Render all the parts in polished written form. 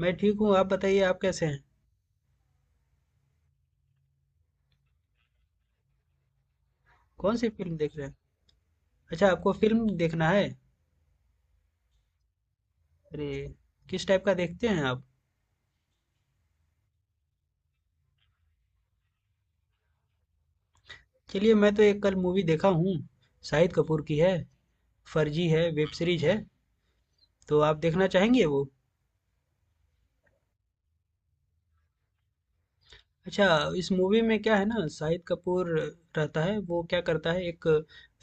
मैं ठीक हूँ। आप बताइए, आप कैसे हैं? कौन सी फिल्म देख रहे हैं? अच्छा, आपको फिल्म देखना है? अरे, किस टाइप का देखते हैं आप? चलिए, मैं तो एक कल मूवी देखा हूँ। शाहिद कपूर की है। फर्जी है, वेब सीरीज है। तो आप देखना चाहेंगे वो? अच्छा, इस मूवी में क्या है ना, शाहिद कपूर रहता है, वो क्या करता है, एक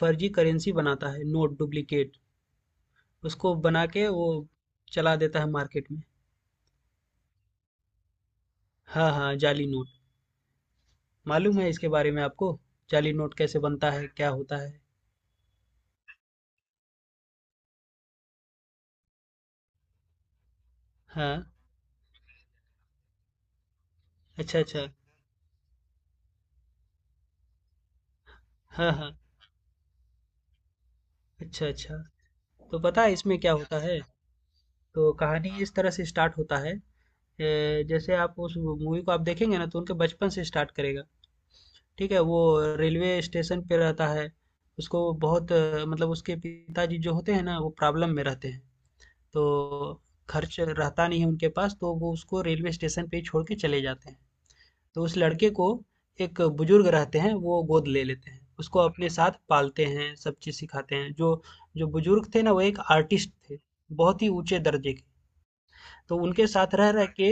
फर्जी करेंसी बनाता है, नोट डुप्लीकेट उसको बना के वो चला देता है मार्केट में। हाँ हाँ, जाली नोट। मालूम है इसके बारे में आपको, जाली नोट कैसे बनता है, क्या होता है? हाँ। अच्छा, अच्छा। हाँ, हाँ। अच्छा, अच्छा। तो पता है इसमें क्या होता है? तो कहानी इस तरह से स्टार्ट होता है, जैसे आप उस मूवी को आप देखेंगे ना तो उनके बचपन से स्टार्ट करेगा। ठीक है? वो रेलवे स्टेशन पे रहता है, उसको बहुत मतलब उसके पिताजी जो होते हैं ना वो प्रॉब्लम में रहते हैं, तो खर्च रहता नहीं है उनके पास तो वो उसको रेलवे स्टेशन पे ही छोड़ के चले जाते हैं। तो उस लड़के को एक बुजुर्ग रहते हैं, वो गोद ले लेते हैं। उसको अपने साथ पालते हैं, सब चीज़ सिखाते हैं। जो जो बुजुर्ग थे ना, वो एक आर्टिस्ट थे, बहुत ही ऊँचे दर्जे के। तो उनके साथ रह रह के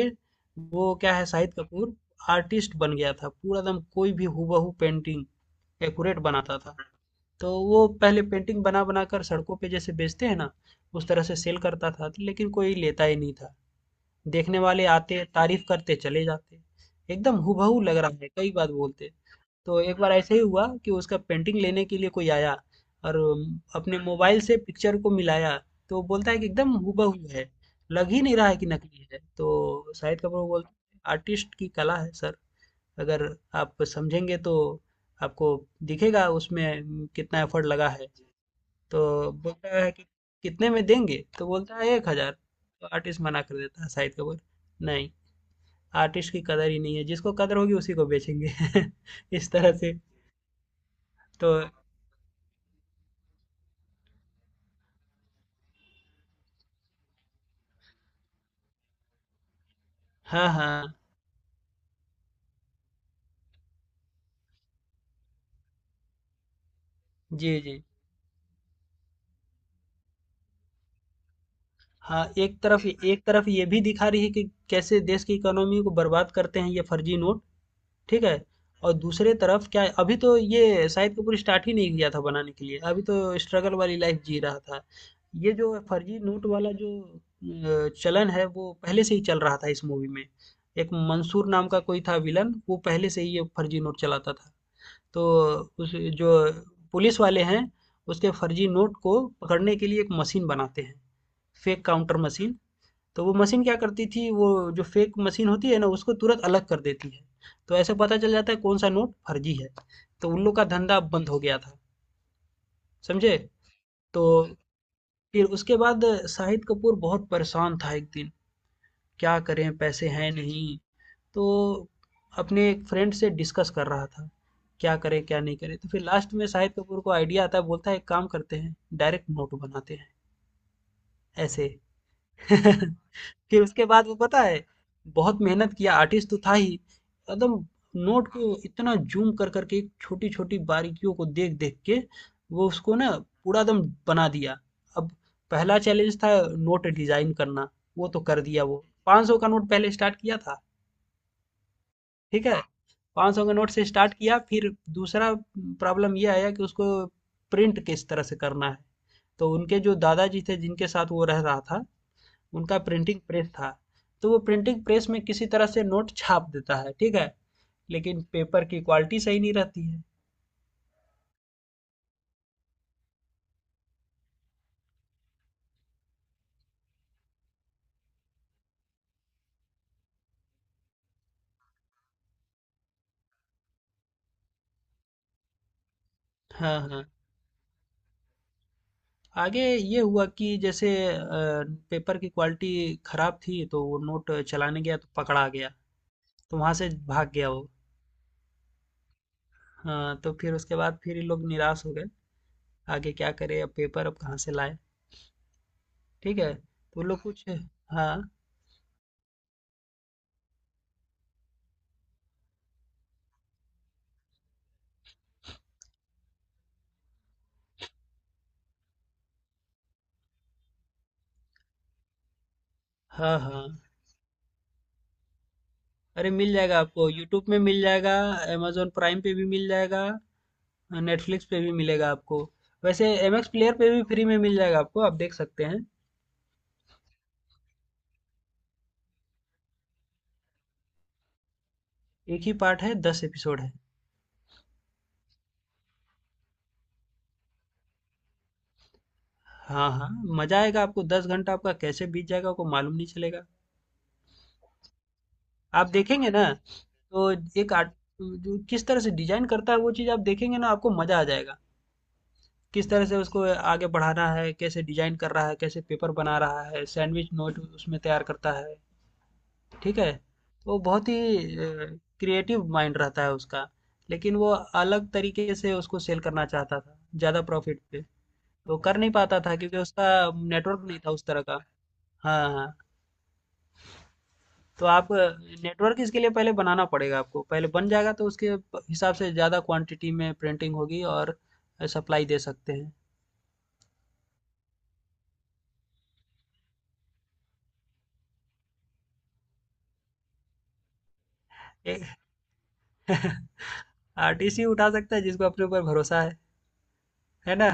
वो क्या है, शाहिद कपूर आर्टिस्ट बन गया था, पूरा एकदम कोई भी हूबहू पेंटिंग एक्यूरेट बनाता था। तो वो पहले पेंटिंग बना बना कर सड़कों पे जैसे बेचते हैं ना, उस तरह से सेल करता था लेकिन कोई लेता ही नहीं था। देखने वाले आते, तारीफ करते, चले जाते। एकदम हूबहू लग रहा है, कई बार बोलते। तो एक बार ऐसे ही हुआ कि उसका पेंटिंग लेने के लिए कोई आया और अपने मोबाइल से पिक्चर को मिलाया। तो बोलता है कि एकदम हूबहू है, लग ही नहीं रहा है कि नकली है। तो शाहिद कपूर को बोलते हैं, आर्टिस्ट की कला है सर, अगर आप समझेंगे तो आपको दिखेगा उसमें कितना एफर्ट लगा है। तो बोलता है कि कितने में देंगे, तो बोलता है 1,000। तो आर्टिस्ट मना कर देता है, शाहिद कपूर, नहीं, आर्टिस्ट की कदर ही नहीं है, जिसको कदर होगी उसी को बेचेंगे। इस तरह से। तो हाँ हाँ, जी जी। हाँ, एक तरफ, एक तरफ ये भी दिखा रही है कि कैसे देश की इकोनॉमी को बर्बाद करते हैं ये फर्जी नोट। ठीक है? और दूसरे तरफ क्या है, अभी तो ये शाहिद कपूर स्टार्ट ही नहीं किया था बनाने के लिए, अभी तो स्ट्रगल वाली लाइफ जी रहा था। ये जो फर्जी नोट वाला जो चलन है वो पहले से ही चल रहा था इस मूवी में। एक मंसूर नाम का कोई था विलन, वो पहले से ही ये फर्जी नोट चलाता था। तो उस जो पुलिस वाले हैं, उसके फर्जी नोट को पकड़ने के लिए एक मशीन बनाते हैं, फेक काउंटर मशीन। तो वो मशीन क्या करती थी, वो जो फेक मशीन होती है ना उसको तुरंत अलग कर देती है। तो ऐसे पता चल जाता है कौन सा नोट फर्जी है। तो उन लोग का धंधा बंद हो गया था। समझे? तो फिर उसके बाद शाहिद कपूर बहुत परेशान था एक दिन, क्या करें पैसे हैं नहीं। तो अपने एक फ्रेंड से डिस्कस कर रहा था क्या करें क्या नहीं करें। तो फिर लास्ट में शाहिद कपूर को आइडिया आता है, बोलता है एक काम करते हैं, डायरेक्ट नोट बनाते हैं ऐसे। फिर उसके बाद वो पता है बहुत मेहनत किया, आर्टिस्ट तो था ही, एकदम नोट को इतना जूम कर करके छोटी छोटी बारीकियों को देख देख के वो उसको ना पूरा एकदम बना दिया। अब पहला चैलेंज था नोट डिजाइन करना। वो तो कर दिया। वो 500 का नोट पहले स्टार्ट किया था। ठीक है, 500 का नोट से स्टार्ट किया। फिर दूसरा प्रॉब्लम ये आया कि उसको प्रिंट किस तरह से करना है। तो उनके जो दादाजी थे जिनके साथ वो रह रहा था, उनका प्रिंटिंग प्रेस था। तो वो प्रिंटिंग प्रेस में किसी तरह से नोट छाप देता है। ठीक है, लेकिन पेपर की क्वालिटी सही नहीं रहती है। हाँ हाँ। आगे ये हुआ कि जैसे पेपर की क्वालिटी खराब थी तो वो नोट चलाने गया तो पकड़ा गया। तो वहां से भाग गया वो। हाँ, तो फिर उसके बाद फिर ये लोग निराश हो गए। आगे क्या करे, अब पेपर अब कहाँ से लाए। ठीक है, तो वो लोग कुछ, हाँ हाँ हाँ। अरे, मिल जाएगा आपको, यूट्यूब में मिल जाएगा, amazon प्राइम पे भी मिल जाएगा। हाँ, नेटफ्लिक्स पे भी मिलेगा आपको। वैसे एमएक्स प्लेयर पे भी फ्री में मिल जाएगा आपको, आप देख सकते हैं। एक ही पार्ट है, 10 एपिसोड है। हाँ हाँ, मजा आएगा आपको, 10 घंटा आपका कैसे बीत जाएगा आपको मालूम नहीं चलेगा। आप देखेंगे ना तो एक आर्ट जो किस तरह से डिजाइन करता है, वो चीज़ आप देखेंगे ना आपको मजा आ जाएगा। किस तरह से उसको आगे बढ़ाना है, कैसे डिजाइन कर रहा है, कैसे पेपर बना रहा है, सैंडविच नोट उसमें तैयार करता है। ठीक है, तो वो बहुत ही क्रिएटिव माइंड रहता है उसका। लेकिन वो अलग तरीके से उसको सेल करना चाहता था, ज़्यादा प्रॉफिट पे। तो कर नहीं पाता था क्योंकि उसका नेटवर्क नहीं था उस तरह का। हाँ हाँ, तो आप नेटवर्क इसके लिए पहले बनाना पड़ेगा आपको, पहले बन जाएगा तो उसके हिसाब से ज़्यादा क्वांटिटी में प्रिंटिंग होगी और सप्लाई दे सकते हैं। आरटीसी उठा सकता है जिसको अपने ऊपर भरोसा है ना?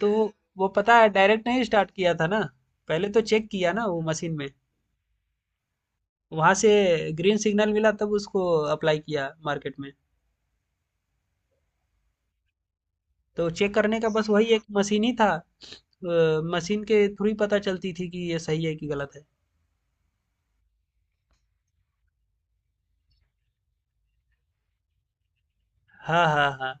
तो वो पता है डायरेक्ट नहीं स्टार्ट किया था ना, पहले तो चेक किया ना वो मशीन में, वहां से ग्रीन सिग्नल मिला तब उसको अप्लाई किया मार्केट में। तो चेक करने का बस वही एक मशीन ही था, मशीन के थ्रू ही पता चलती थी कि ये सही है कि गलत है। हाँ हाँ हाँ।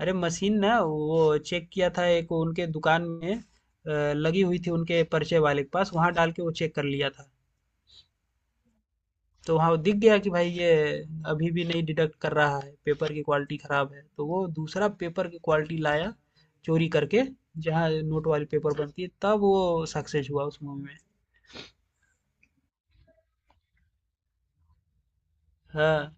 अरे मशीन ना वो चेक किया था एक उनके दुकान में, लगी हुई थी उनके परिचय वाले के पास, वहां डाल के वो चेक कर लिया था। तो वहाँ दिख गया कि भाई ये अभी भी नहीं डिडक्ट कर रहा है, पेपर की क्वालिटी खराब है। तो वो दूसरा पेपर की क्वालिटी लाया, चोरी करके, जहाँ नोट वाली पेपर बनती है। तब वो सक्सेस हुआ उस मूवी में। हाँ।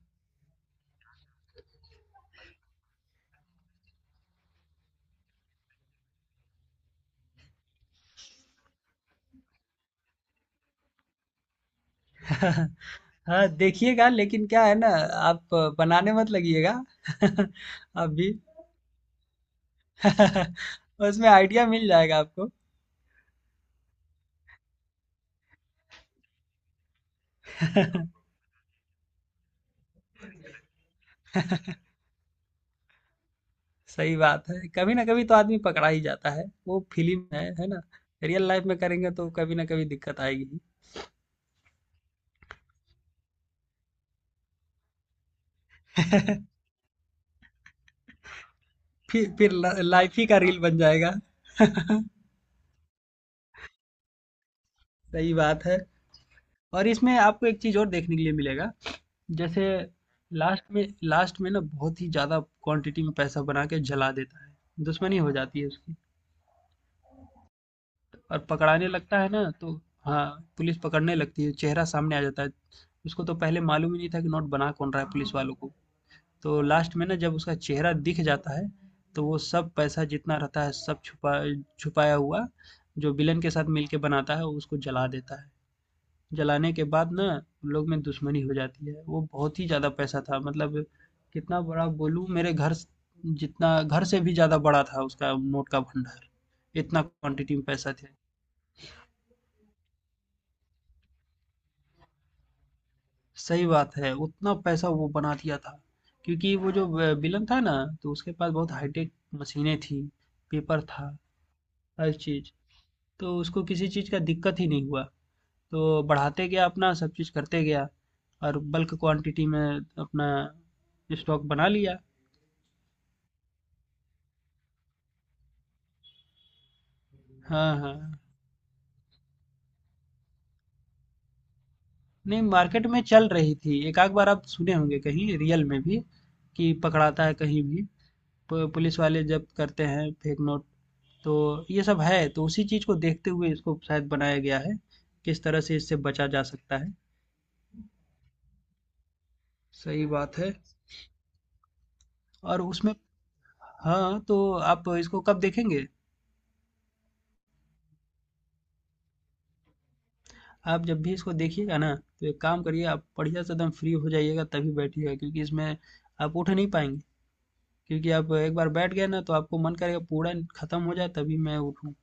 हाँ, देखिएगा लेकिन क्या है ना, आप बनाने मत लगिएगा। आप भी। उसमें आइडिया मिल जाएगा आपको। सही बात है, कभी ना कभी तो आदमी पकड़ा ही जाता है। वो फिल्म है ना, रियल लाइफ में करेंगे तो कभी ना कभी दिक्कत आएगी। फिर लाइफ ही का रील बन जाएगा। सही बात है। और इसमें आपको एक चीज और देखने के लिए मिलेगा। जैसे लास्ट में, लास्ट में ना बहुत ही ज्यादा क्वांटिटी में पैसा बना के जला देता है, दुश्मनी हो जाती है उसकी और पकड़ाने लगता है ना, तो हाँ, पुलिस पकड़ने लगती है, चेहरा सामने आ जाता है। उसको तो पहले मालूम ही नहीं था कि नोट बना कौन रहा है पुलिस वालों को। तो लास्ट में ना जब उसका चेहरा दिख जाता है, तो वो सब पैसा जितना रहता है सब छुपा, छुपाया हुआ, जो विलन के साथ मिलके बनाता है उसको जला देता है। जलाने के बाद ना उन लोग में दुश्मनी हो जाती है। वो बहुत ही ज़्यादा पैसा था, मतलब कितना बड़ा बोलूँ, मेरे घर जितना, घर से भी ज़्यादा बड़ा था उसका नोट का भंडार। इतना क्वांटिटी में पैसा थे। सही बात है, उतना पैसा वो बना दिया था। क्योंकि वो जो विलन था ना, तो उसके पास बहुत हाईटेक मशीनें थी, पेपर था, हर चीज़। तो उसको किसी चीज़ का दिक्कत ही नहीं हुआ। तो बढ़ाते गया, अपना सब चीज़ करते गया और बल्क क्वांटिटी में अपना स्टॉक बना लिया। हाँ, हाँ। नहीं, मार्केट में चल रही थी। एक आध बार आप सुने होंगे कहीं रियल में भी कि पकड़ाता है कहीं भी। पुलिस वाले जब्त करते हैं फेक नोट। तो ये सब है, तो उसी चीज़ को देखते हुए इसको शायद बनाया गया है, किस तरह से इससे बचा जा सकता है। सही बात है। और उसमें हाँ, तो आप इसको कब देखेंगे? आप जब भी इसको देखिएगा ना, तो एक काम करिए, आप बढ़िया से एकदम फ्री हो जाइएगा तभी बैठिएगा, क्योंकि इसमें आप उठ नहीं पाएँगे। क्योंकि आप एक बार बैठ गए ना तो आपको मन करेगा पूरा खत्म हो जाए तभी मैं उठूँ।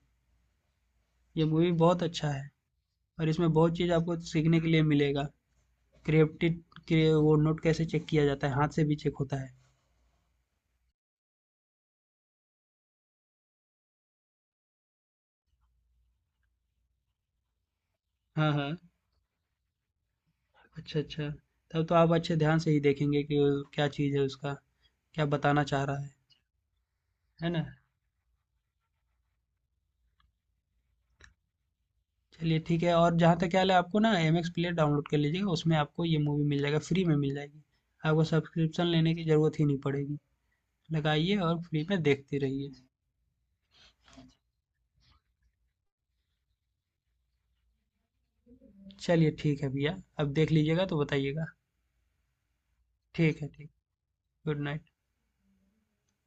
ये मूवी बहुत अच्छा है और इसमें बहुत चीज़ आपको सीखने के लिए मिलेगा। क्रिएप्टिड के वो नोट कैसे चेक किया जाता है, हाथ से भी चेक होता है। हाँ, हाँ। अच्छा, अच्छा। तब तो आप अच्छे ध्यान से ही देखेंगे कि क्या चीज़ है उसका, क्या बताना चाह रहा है। है ना? चलिए ठीक है, और जहाँ तक ख्याल है आपको ना एमएक्स प्लेयर डाउनलोड कर लीजिएगा, उसमें आपको ये मूवी मिल जाएगा, फ्री में मिल जाएगी आपको, सब्सक्रिप्शन लेने की ज़रूरत ही नहीं पड़ेगी। लगाइए और फ्री में देखते रहिए। चलिए ठीक है भैया, अब देख लीजिएगा तो बताइएगा। ठीक है, ठीक, गुड नाइट।